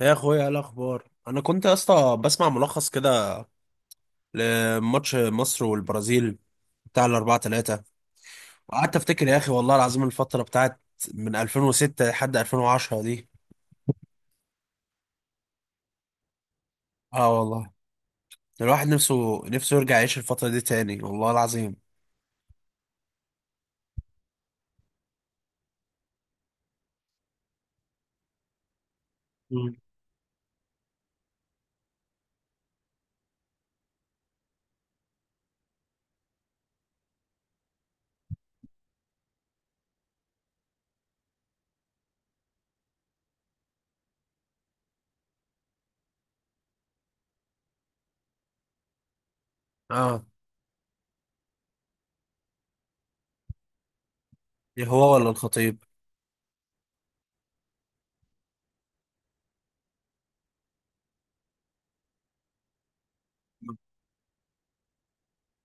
يا اخويا، إيه الاخبار؟ انا كنت يا اسطى بسمع ملخص كده لماتش مصر والبرازيل بتاع الاربعة تلاتة. وقعدت افتكر يا اخي، والله العظيم، الفترة بتاعت من 2006 لحد 2010 دي. اه والله. الواحد نفسه نفسه يرجع يعيش الفترة دي تاني، والله العظيم. مم. اه. إيه، هو ولا الخطيب؟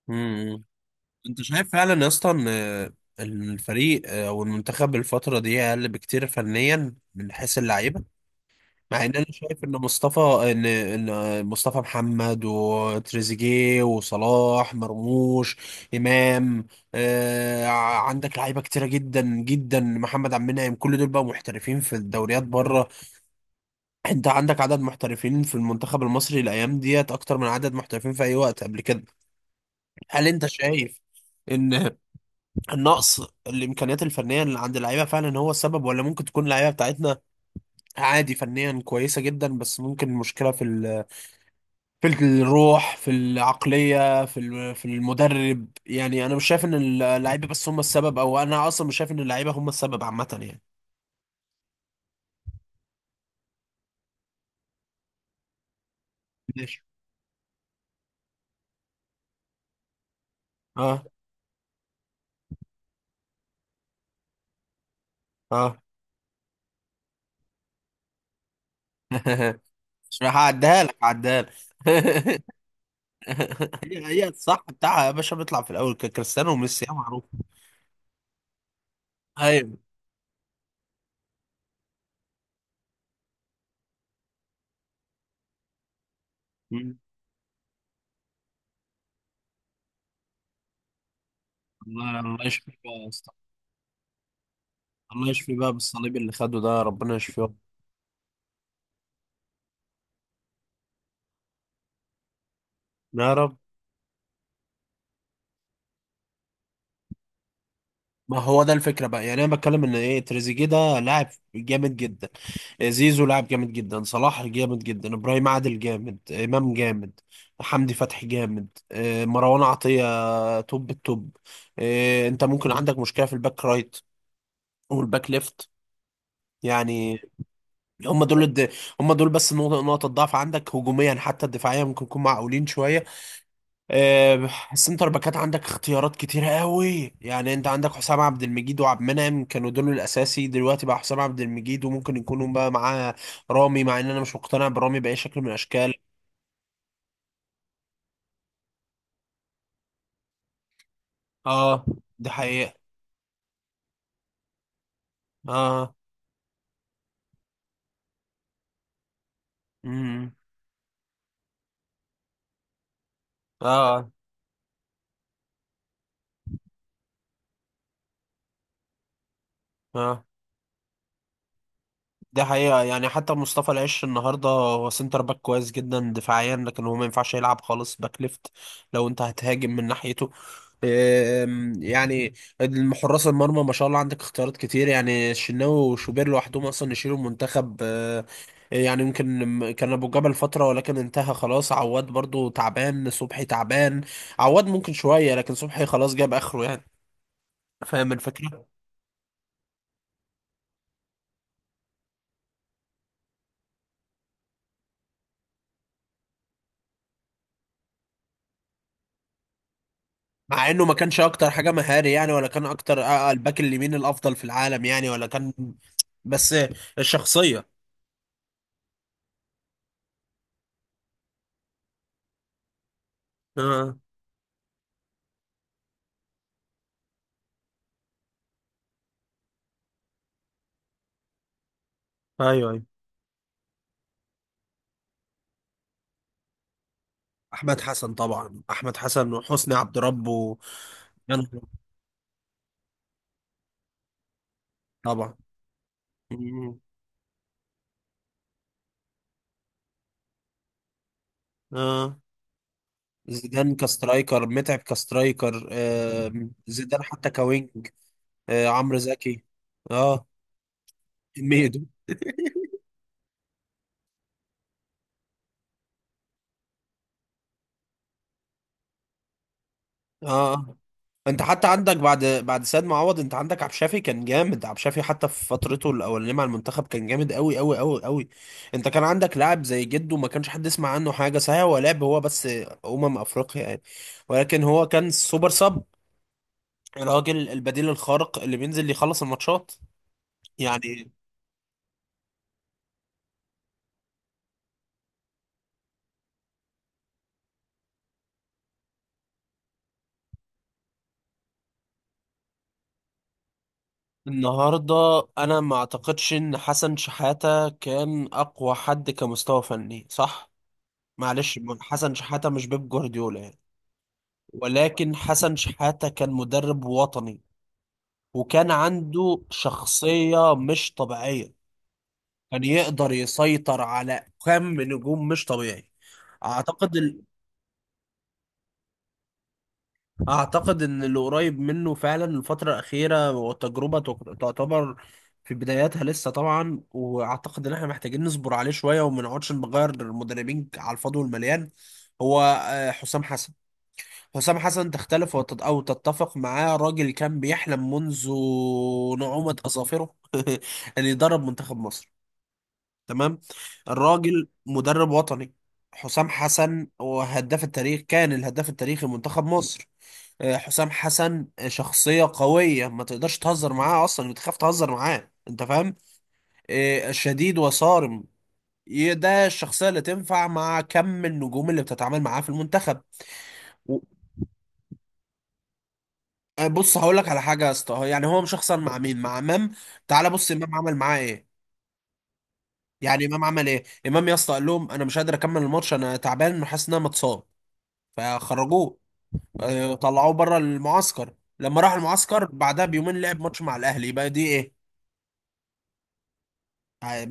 امم انت شايف فعلا يا اسطى إن الفريق، او المنتخب الفترة دي، اقل بكتير فنيا من حيث اللعيبة، مع ان انا شايف ان مصطفى ان ان مصطفى محمد وتريزيجيه وصلاح مرموش امام. عندك لعيبه كتيره جدا جدا، محمد عبد المنعم، كل دول بقى محترفين في الدوريات بره. انت عندك عدد محترفين في المنتخب المصري الايام ديت اكتر من عدد محترفين في اي وقت قبل كده. هل انت شايف ان النقص، الامكانيات الفنيه اللي عند اللعيبه، فعلا هو السبب، ولا ممكن تكون اللعيبه بتاعتنا عادي فنيا، كويسه جدا، بس ممكن المشكله في الروح، في العقلية، في المدرب؟ يعني انا مش شايف ان اللعيبة بس هم السبب، او انا اصلا مش شايف ان اللعيبة هم السبب عامة يعني. ماشي. اه، اه. مش هعديها لك، هعديها لك. هي هي الصح بتاعها يا باشا، بيطلع في الاول كريستيانو وميسي يا معروف. ايوه. مم. الله الله يشفيه بقى يا اسطى. الله يشفيه بقى، بالصليب اللي خده ده ربنا يشفيه. يا رب. ما هو ده الفكره بقى، يعني انا بتكلم ان ايه، تريزيجيه ده لاعب جامد جدا، زيزو لاعب جامد جدا، صلاح جامد جدا، ابراهيم عادل جامد، امام جامد، حمدي فتحي جامد، مروان عطية، توب التوب. انت ممكن عندك مشكلة في الباك رايت والباك ليفت يعني. هم دول الد... هم دول بس نقطة ضعف عندك هجوميا، حتى الدفاعية ممكن يكون معقولين شوية. السنتر باكات عندك اختيارات كتيرة قوي، يعني انت عندك حسام عبد المجيد وعبد المنعم، كانوا دول الاساسي. دلوقتي بقى حسام عبد المجيد وممكن يكونوا بقى معاه رامي، مع ان انا مش مقتنع برامي باي شكل من الاشكال. اه، دي حقيقة. اه. امم. اه. اه. ده حقيقة يعني، حتى مصطفى العش النهاردة هو سنتر باك كويس جدا دفاعيا، لكن هو ما ينفعش يلعب خالص باك ليفت لو انت هتهاجم من ناحيته. يعني حراس المرمى ما شاء الله عندك اختيارات كتير، يعني الشناوي وشوبير لوحدهم اصلا يشيلوا المنتخب. يعني يمكن كان ابو جبل فترة ولكن انتهى خلاص. عواد برضو تعبان، صبحي تعبان. عواد ممكن شوية، لكن صبحي خلاص جاب اخره يعني. فاهم الفكرة؟ مع انه ما كانش اكتر حاجه مهاري يعني، ولا كان اكتر، الباك اليمين الافضل في العالم يعني، ولا كان. بس الشخصيه. آه. ايوه، ايوه، احمد حسن، طبعا احمد حسن وحسني عبد ربه، يعني. طبعا. مم. اه. زيدان كسترايكر، متعب كسترايكر. آه. زيدان حتى كوينج. آه. عمرو زكي. اه. ميدو. اه. آه. انت حتى عندك بعد سيد معوض، انت عندك عبد الشافي كان جامد، عبد الشافي حتى في فترته الاولانيه مع المنتخب كان جامد قوي قوي قوي قوي. انت كان عندك لاعب زي جده ما كانش حد يسمع عنه حاجه، صحيح هو لعب هو بس افريقيا يعني، ولكن هو كان سوبر سب، الراجل البديل الخارق اللي بينزل يخلص الماتشات يعني. النهارده انا ما اعتقدش ان حسن شحاته كان اقوى حد كمستوى فني، صح؟ معلش حسن شحاته مش بيب جوارديولا يعني، ولكن حسن شحاتة كان مدرب وطني، وكان عنده شخصية مش طبيعية، كان يقدر يسيطر على كم نجوم مش طبيعي. أعتقد ال... أعتقد إن اللي قريب منه فعلا الفترة الأخيرة، والتجربة تعتبر في بداياتها لسه طبعا، وأعتقد إن إحنا محتاجين نصبر عليه شوية، وما نقعدش نغير المدربين على الفاضي والمليان. هو حسام حسن، حسام حسن تختلف أو تتفق معاه، راجل كان بيحلم منذ نعومة أظافره أن يدرب منتخب مصر. تمام. الراجل مدرب وطني، حسام حسن، وهداف التاريخ، كان الهداف التاريخي لمنتخب مصر. حسام حسن شخصية قوية، ما تقدرش تهزر معاه أصلا، بتخاف تهزر معاه، أنت فاهم. شديد وصارم، ده الشخصية اللي تنفع مع كم النجوم اللي بتتعامل معاه في المنتخب. بص هقول لك على حاجه يا اسطى، يعني هو مش هيخسر مع مين؟ مع امام. تعال بص، امام عمل معاه ايه؟ يعني امام عمل ايه؟ امام يا اسطى قال لهم انا مش قادر اكمل الماتش، انا تعبان وحاسس ان انا متصاب، فخرجوه. طلعوه بره المعسكر، لما راح المعسكر بعدها بيومين لعب ماتش مع الاهلي، يبقى دي ايه؟ آه،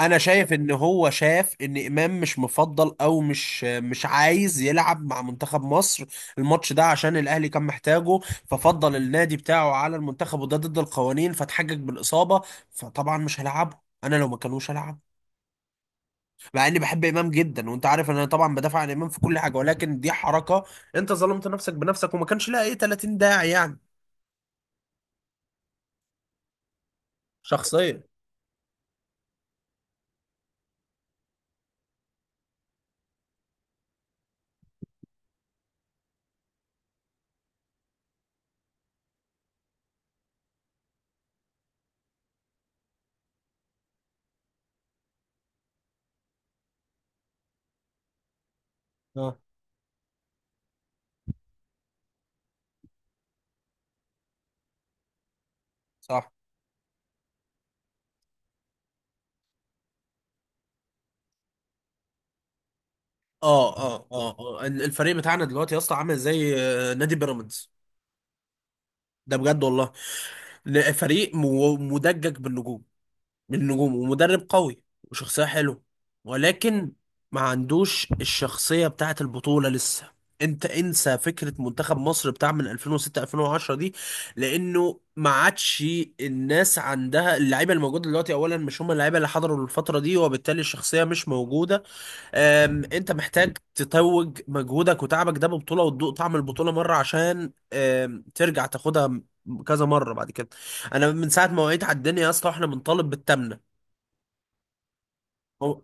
انا شايف ان هو شاف ان امام مش مفضل او مش عايز يلعب مع منتخب مصر الماتش ده عشان الاهلي كان محتاجه، ففضل النادي بتاعه على المنتخب، وده ضد القوانين، فاتحجج بالاصابه، فطبعا مش هلعبه. انا لو ما كانوش هلعب. مع اني بحب امام جدا، وانت عارف ان انا طبعا بدافع عن امام في كل حاجه، ولكن دي حركه، انت ظلمت نفسك بنفسك، وما كانش لها ايه 30 داعي يعني. شخصيا. اه. صح. اه. اه. اه. آه. الفريق بتاعنا دلوقتي يا اسطى عامل زي نادي بيراميدز، ده بجد والله، فريق مدجج بالنجوم، بالنجوم ومدرب قوي وشخصية حلوة، ولكن ما عندوش الشخصية بتاعت البطولة لسه. انت انسى فكرة منتخب مصر بتاع من 2006، 2010 دي، لانه ما عادش. الناس عندها اللعيبة الموجودة دلوقتي اولا مش هم اللعيبة اللي حضروا الفترة دي، وبالتالي الشخصية مش موجودة. انت محتاج تتوج مجهودك وتعبك ده ببطولة، وتدوق طعم البطولة مرة عشان ترجع تاخدها كذا مرة بعد كده. انا من ساعة ما وعيت على الدنيا يا اسطى احنا بنطالب بالتمنة. هو-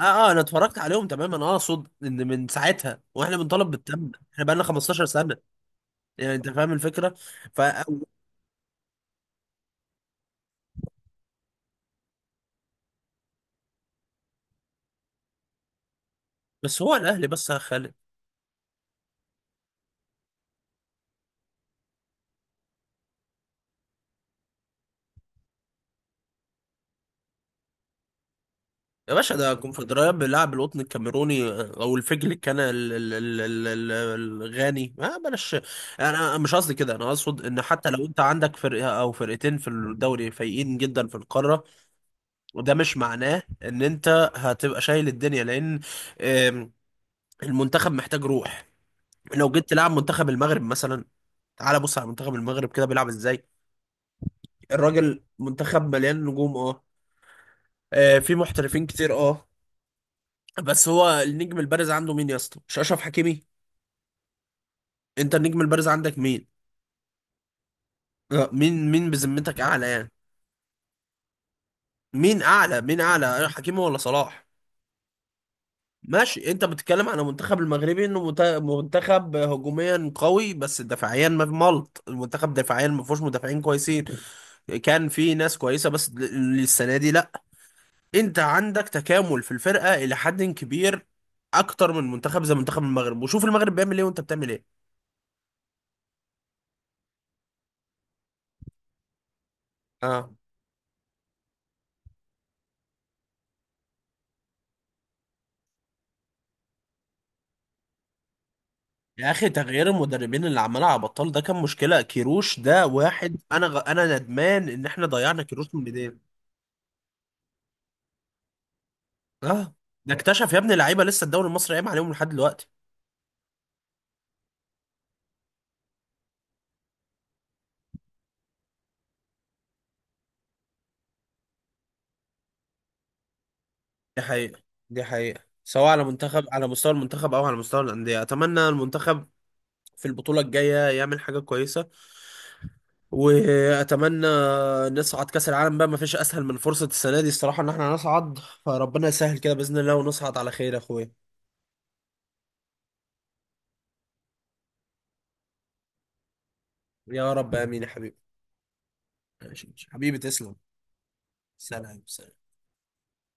اه. اه، انا اتفرجت عليهم تمام. انا اقصد ان من ساعتها واحنا بنطالب بالتمنة، احنا بقالنا 15 سنة، يعني انت فاهم الفكرة. ف بس هو الاهلي بس خلي. يا باشا ده الكونفدرالية بيلعب القطن الكاميروني، او الفجل، كان الغاني، ما بلاش. انا مش قصدي كده، انا اقصد ان حتى لو انت عندك فرقة او فرقتين في الدوري فايقين جدا في القارة، وده مش معناه ان انت هتبقى شايل الدنيا، لان آم، المنتخب محتاج روح. لو جيت تلعب منتخب المغرب مثلا، تعال بص على منتخب المغرب كده بيلعب ازاي. الراجل منتخب مليان نجوم، اه، في محترفين كتير، اه، بس هو النجم البارز عنده مين يا اسطى؟ مش اشرف حكيمي؟ انت النجم البارز عندك مين؟ مين مين بذمتك اعلى يعني؟ مين اعلى؟ مين اعلى، حكيمي ولا صلاح؟ ماشي. انت بتتكلم على منتخب المغربي انه منتخب هجوميا قوي، بس دفاعيا ما في ملط، المنتخب دفاعيا ما فيهوش مدافعين كويسين، كان في ناس كويسه بس السنه دي لا. انت عندك تكامل في الفرقه الى حد كبير، اكتر من منتخب زي منتخب المغرب، وشوف المغرب بيعمل ايه وانت بتعمل ايه. اه. يا اخي تغيير المدربين اللي عمال على بطال ده كان مشكله، كيروش ده واحد، انا انا ندمان ان احنا ضيعنا كيروش من ايدينا. اه. ده اكتشف يا ابني لعيبه لسه الدوري المصري قايم عليهم لحد دلوقتي. دي حقيقه، دي حقيقه، سواء على منتخب، على مستوى المنتخب، او على مستوى الانديه. اتمنى المنتخب في البطوله الجايه يعمل حاجه كويسه، واتمنى نصعد كاس العالم بقى، ما فيش اسهل من فرصه السنه دي الصراحه ان احنا نصعد، فربنا يسهل كده باذن الله ونصعد على خير يا اخويا. يا رب، امين يا حبيبي. ماشي. حبيبي تسلم. سلام، سلام.